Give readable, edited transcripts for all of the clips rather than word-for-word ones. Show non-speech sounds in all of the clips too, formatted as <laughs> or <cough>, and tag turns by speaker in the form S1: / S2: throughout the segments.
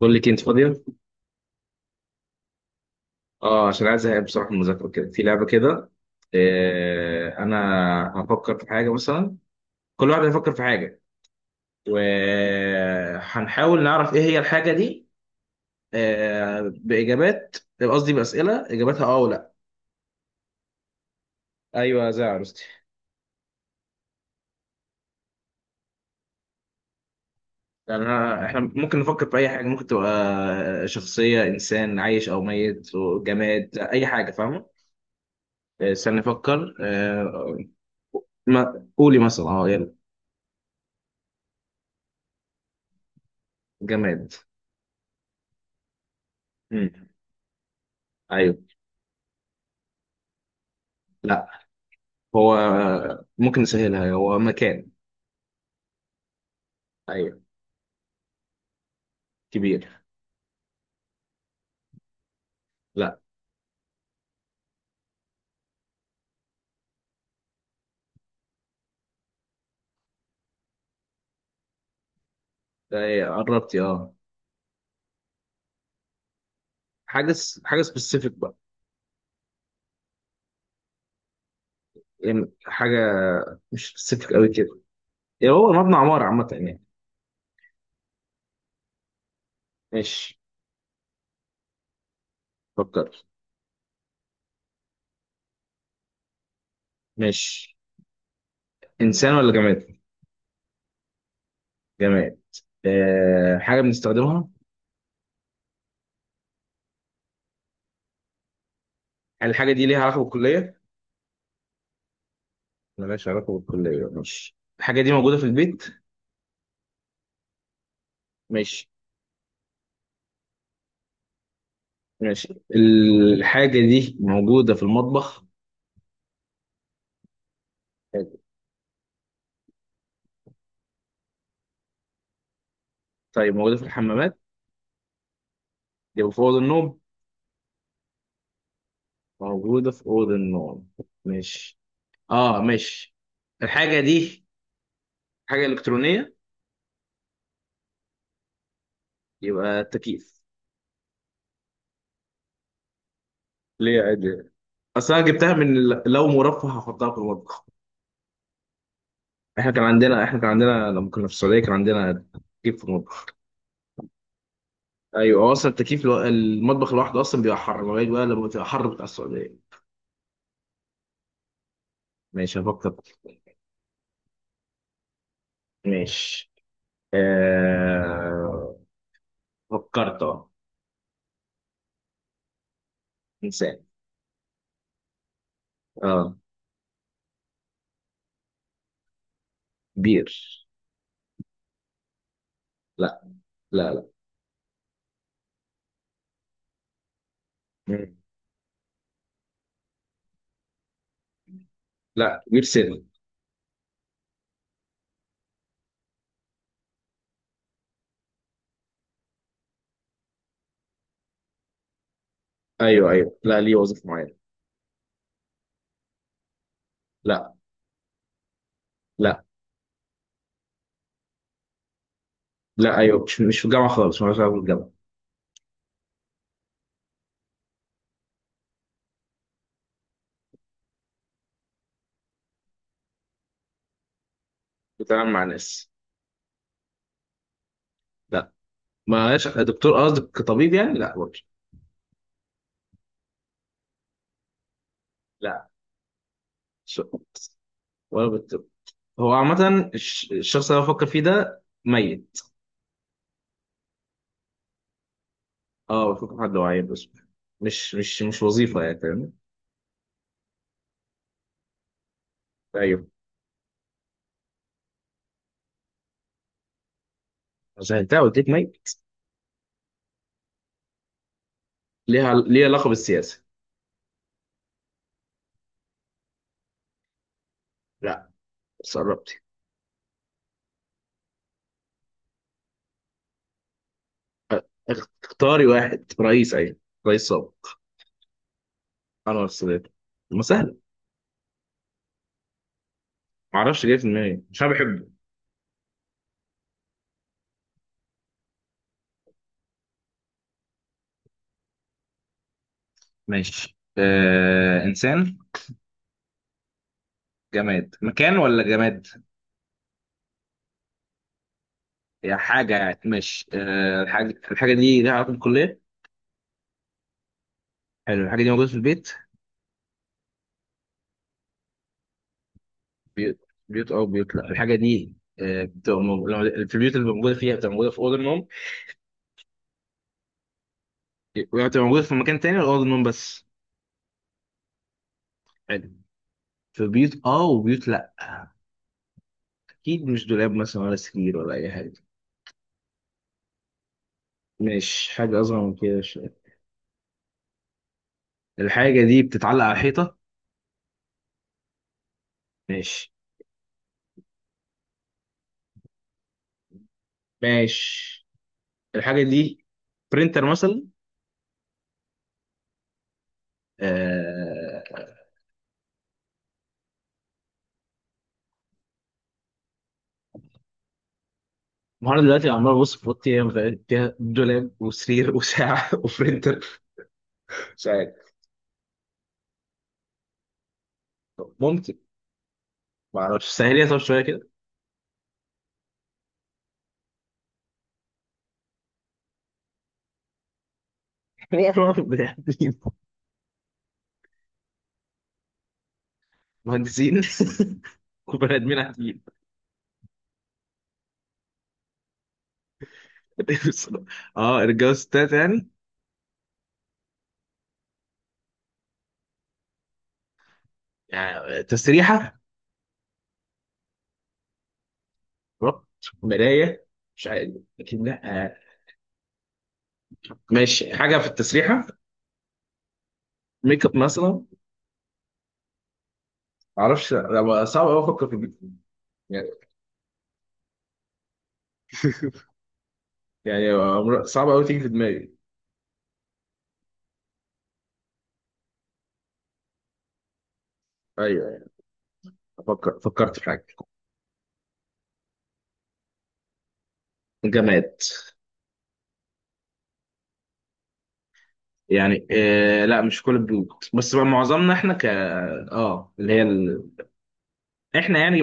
S1: بقول لك انت فاضيه. اه، عشان عايز ازهق بصراحه من المذاكره كده، في لعبه كده. انا هفكر في حاجه مثلا، كل واحد هيفكر في حاجه، وهنحاول نعرف ايه هي الحاجه دي. باجابات قصدي باسئله اجابتها اه ولا؟ ايوه، زي عروستي يعني. احنا ممكن نفكر في اي حاجه، ممكن تبقى شخصيه انسان عايش او ميت، جماد، اي حاجه، فاهمه؟ استنى نفكر. ما قولي مثلا، يلا. جماد. مم. ايوه. لا، هو ممكن نسهلها، هو مكان. ايوه. كبير. لا. إيه، قربتي اه. حاجه سبيسيفيك بقى، يعني حاجه مش سبيسيفيك قوي كده، يعني هو مبنى عماره عامه يعني. ماشي. فكر. ماشي. انسان ولا جماد؟ جماد. حاجه بنستخدمها. هل الحاجه دي ليها علاقه بالكليه؟ ملهاش علاقه بالكليه، ماشي. الحاجه دي موجوده في البيت. ماشي. ماشي، الحاجه دي موجوده في المطبخ؟ حلو. طيب موجوده في الحمامات؟ يبقى في اوضه النوم. موجودة في أوضة النوم. مش مش الحاجة دي حاجة إلكترونية؟ يبقى التكييف. ليه؟ عادي. أصل أنا جبتها من لو مرفه هحطها في المطبخ. إحنا كان عندنا لما كنا في السعودية كان عندنا تكييف في المطبخ. أيوه، هو أصلا التكييف المطبخ لوحده أصلا بيبقى حر، لغاية بقى لما بتبقى حر بتاع السعودية. ماشي هفكر. ماشي. آه... فكرت إنسان. أه. بير. لا، لا، لا. مم. لا، بير سن. ايوه، ايوه، لا، ليه وظيفه معينه. لا. لا. لا، ايوه، مش مش في الجامعه خالص، مالهاش علاقه بالجامعه. بتعامل مع ناس. لا، مالهاش دكتور قصدك كطبيب يعني، لا برضه. لا، ش- ولا بالطب. هو عامه الشخص اللي أنا بفكر فيه ده ميت. اه، بفكر في حد، هو عيل بس، مش وظيفه يعني، فاهم؟ ايوه. سهلتها، قلت لك ميت. ليها علاقه بالسياسه؟ لا، بس قربتي. أ- اختاري واحد رئيس، ايوه رئيس سابق. انور السادات. ما سهله. ما اعرفش، جاي في دماغي، مش انا بحبه. ماشي، إنسان. جماد؟ مكان ولا جماد؟ يعني حاجة، يعني ماشي، الحاجة دي ليها علاقة بالكلية؟ حلو، الحاجة دي موجودة في البيت. بيوت. بيوت أو بيوت لا؟ الحاجة دي في البيوت اللي موجودة فيها بتبقى موجودة في أوضة النوم. بتبقى موجودة في مكان تاني ولا أوضة النوم بس؟ حلو، في بيوت أه وبيوت لا. أكيد مش دولاب مثلا، ولا سرير، ولا أي حاجة. ماشي، حاجة أصغر من كده شوية. الحاجة دي بتتعلق على الحيطة؟ ماشي. ماشي، الحاجة دي برينتر مثلا؟ آه، النهارده دلوقتي عمال ابص في اوضتي، هي متهيألي فيها دولاب وسرير وساعه <laughs> وبرنتر. مش عارف. ممكن. ما اعرفش، سهل لي طب شويه كده. <laughs> هي الواحد بني آدمين، مهندسين <laughs> وبني ادمين عاديين. <laughs> اه، رجاله وستات يعني. يعني تسريحه. ربط. مرايه. مش عارف. لكن لا. ماشي، حاجه في التسريحه. ميك اب مثلا، ما اعرفش، لا، صعب قوي افكر في دي. يعني <laughs> يعني صعب قوي تيجي في دماغي. ايوه، أيوة، فكرت في حاجه. جامعات. يعني لا مش كل البيوت، بس بقى معظمنا، احنا ك اه اللي هي احنا يعني.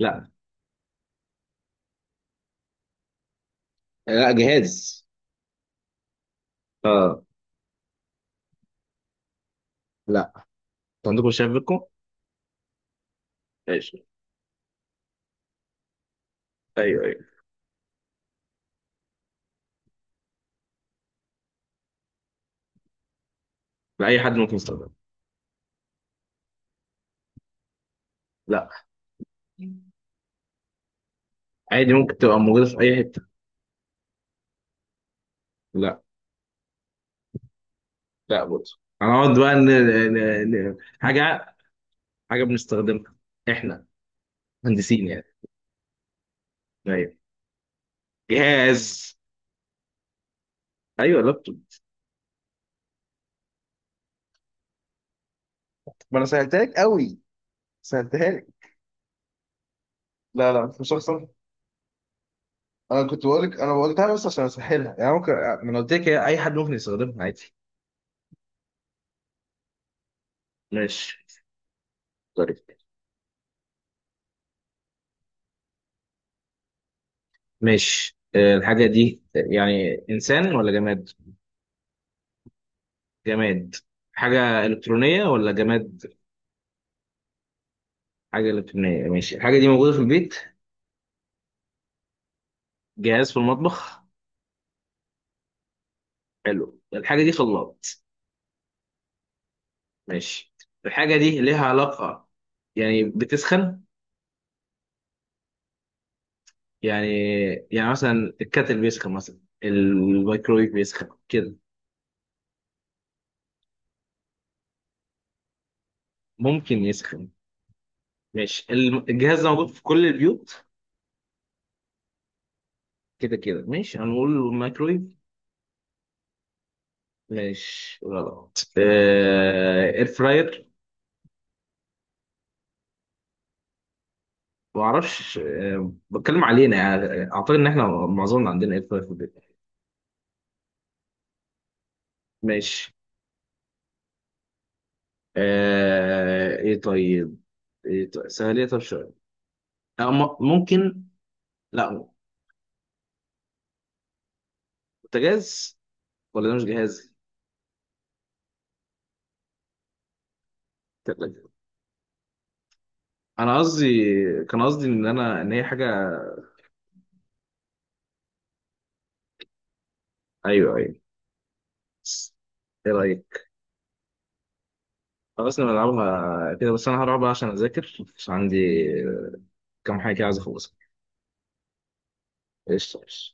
S1: لا. لا، جهاز. اه. لا. انتوا عندكم، شايف بيكم. ماشي. ايوه، ايوه، لا، اي حد ممكن يستخدمه. لا. عادي ممكن تبقى موجوده في اي حته. لا. لا برضه. هنقعد بقى حاجه. حاجه بنستخدمها احنا، مهندسين يعني. ايوه. جهاز. ايوه، لابتوب. ما انا سهلتها لك قوي. سهلتها لك. لا، لا، انت مش شخص. انا كنت بقولك، انا قلتها بس عشان اسهلها، يعني ممكن، ما انا قلت لك هي اي حد ممكن يستخدمها عادي. ماشي. طيب. ماشي، الحاجة دي يعني إنسان ولا جماد؟ جماد. حاجة إلكترونية ولا جماد؟ حاجة إلكترونية، ماشي، الحاجة دي موجودة في البيت. جهاز في المطبخ. حلو، الحاجة دي خلاط؟ ماشي. الحاجة دي ليها علاقة، يعني بتسخن. يعني يعني مثلا الكاتل بيسخن مثلا، الميكرويف بيسخن كده. ممكن يسخن. ماشي، الجهاز ده موجود في كل البيوت؟ كده كده، ماشي هنقول الميكرويف. ماشي غلط. اير فراير. ما اعرفش، بتكلم علينا يعني، اعتقد ان احنا معظمنا عندنا اير فراير في البيت. ماشي. ايه طيب. ايه طيب، سهليه طب شويه. ممكن. لا. بوتاجاز؟ ولا ده مش جهاز؟ تلاجة. انا قصدي، كان قصدي ان هي حاجه. ايوه، ايوه. ايه رايك؟ خلاص نلعبها كده، بس انا هروح بقى عشان اذاكر، عشان عندي كام حاجه كده عايز اخلصها. قشطة قشطة.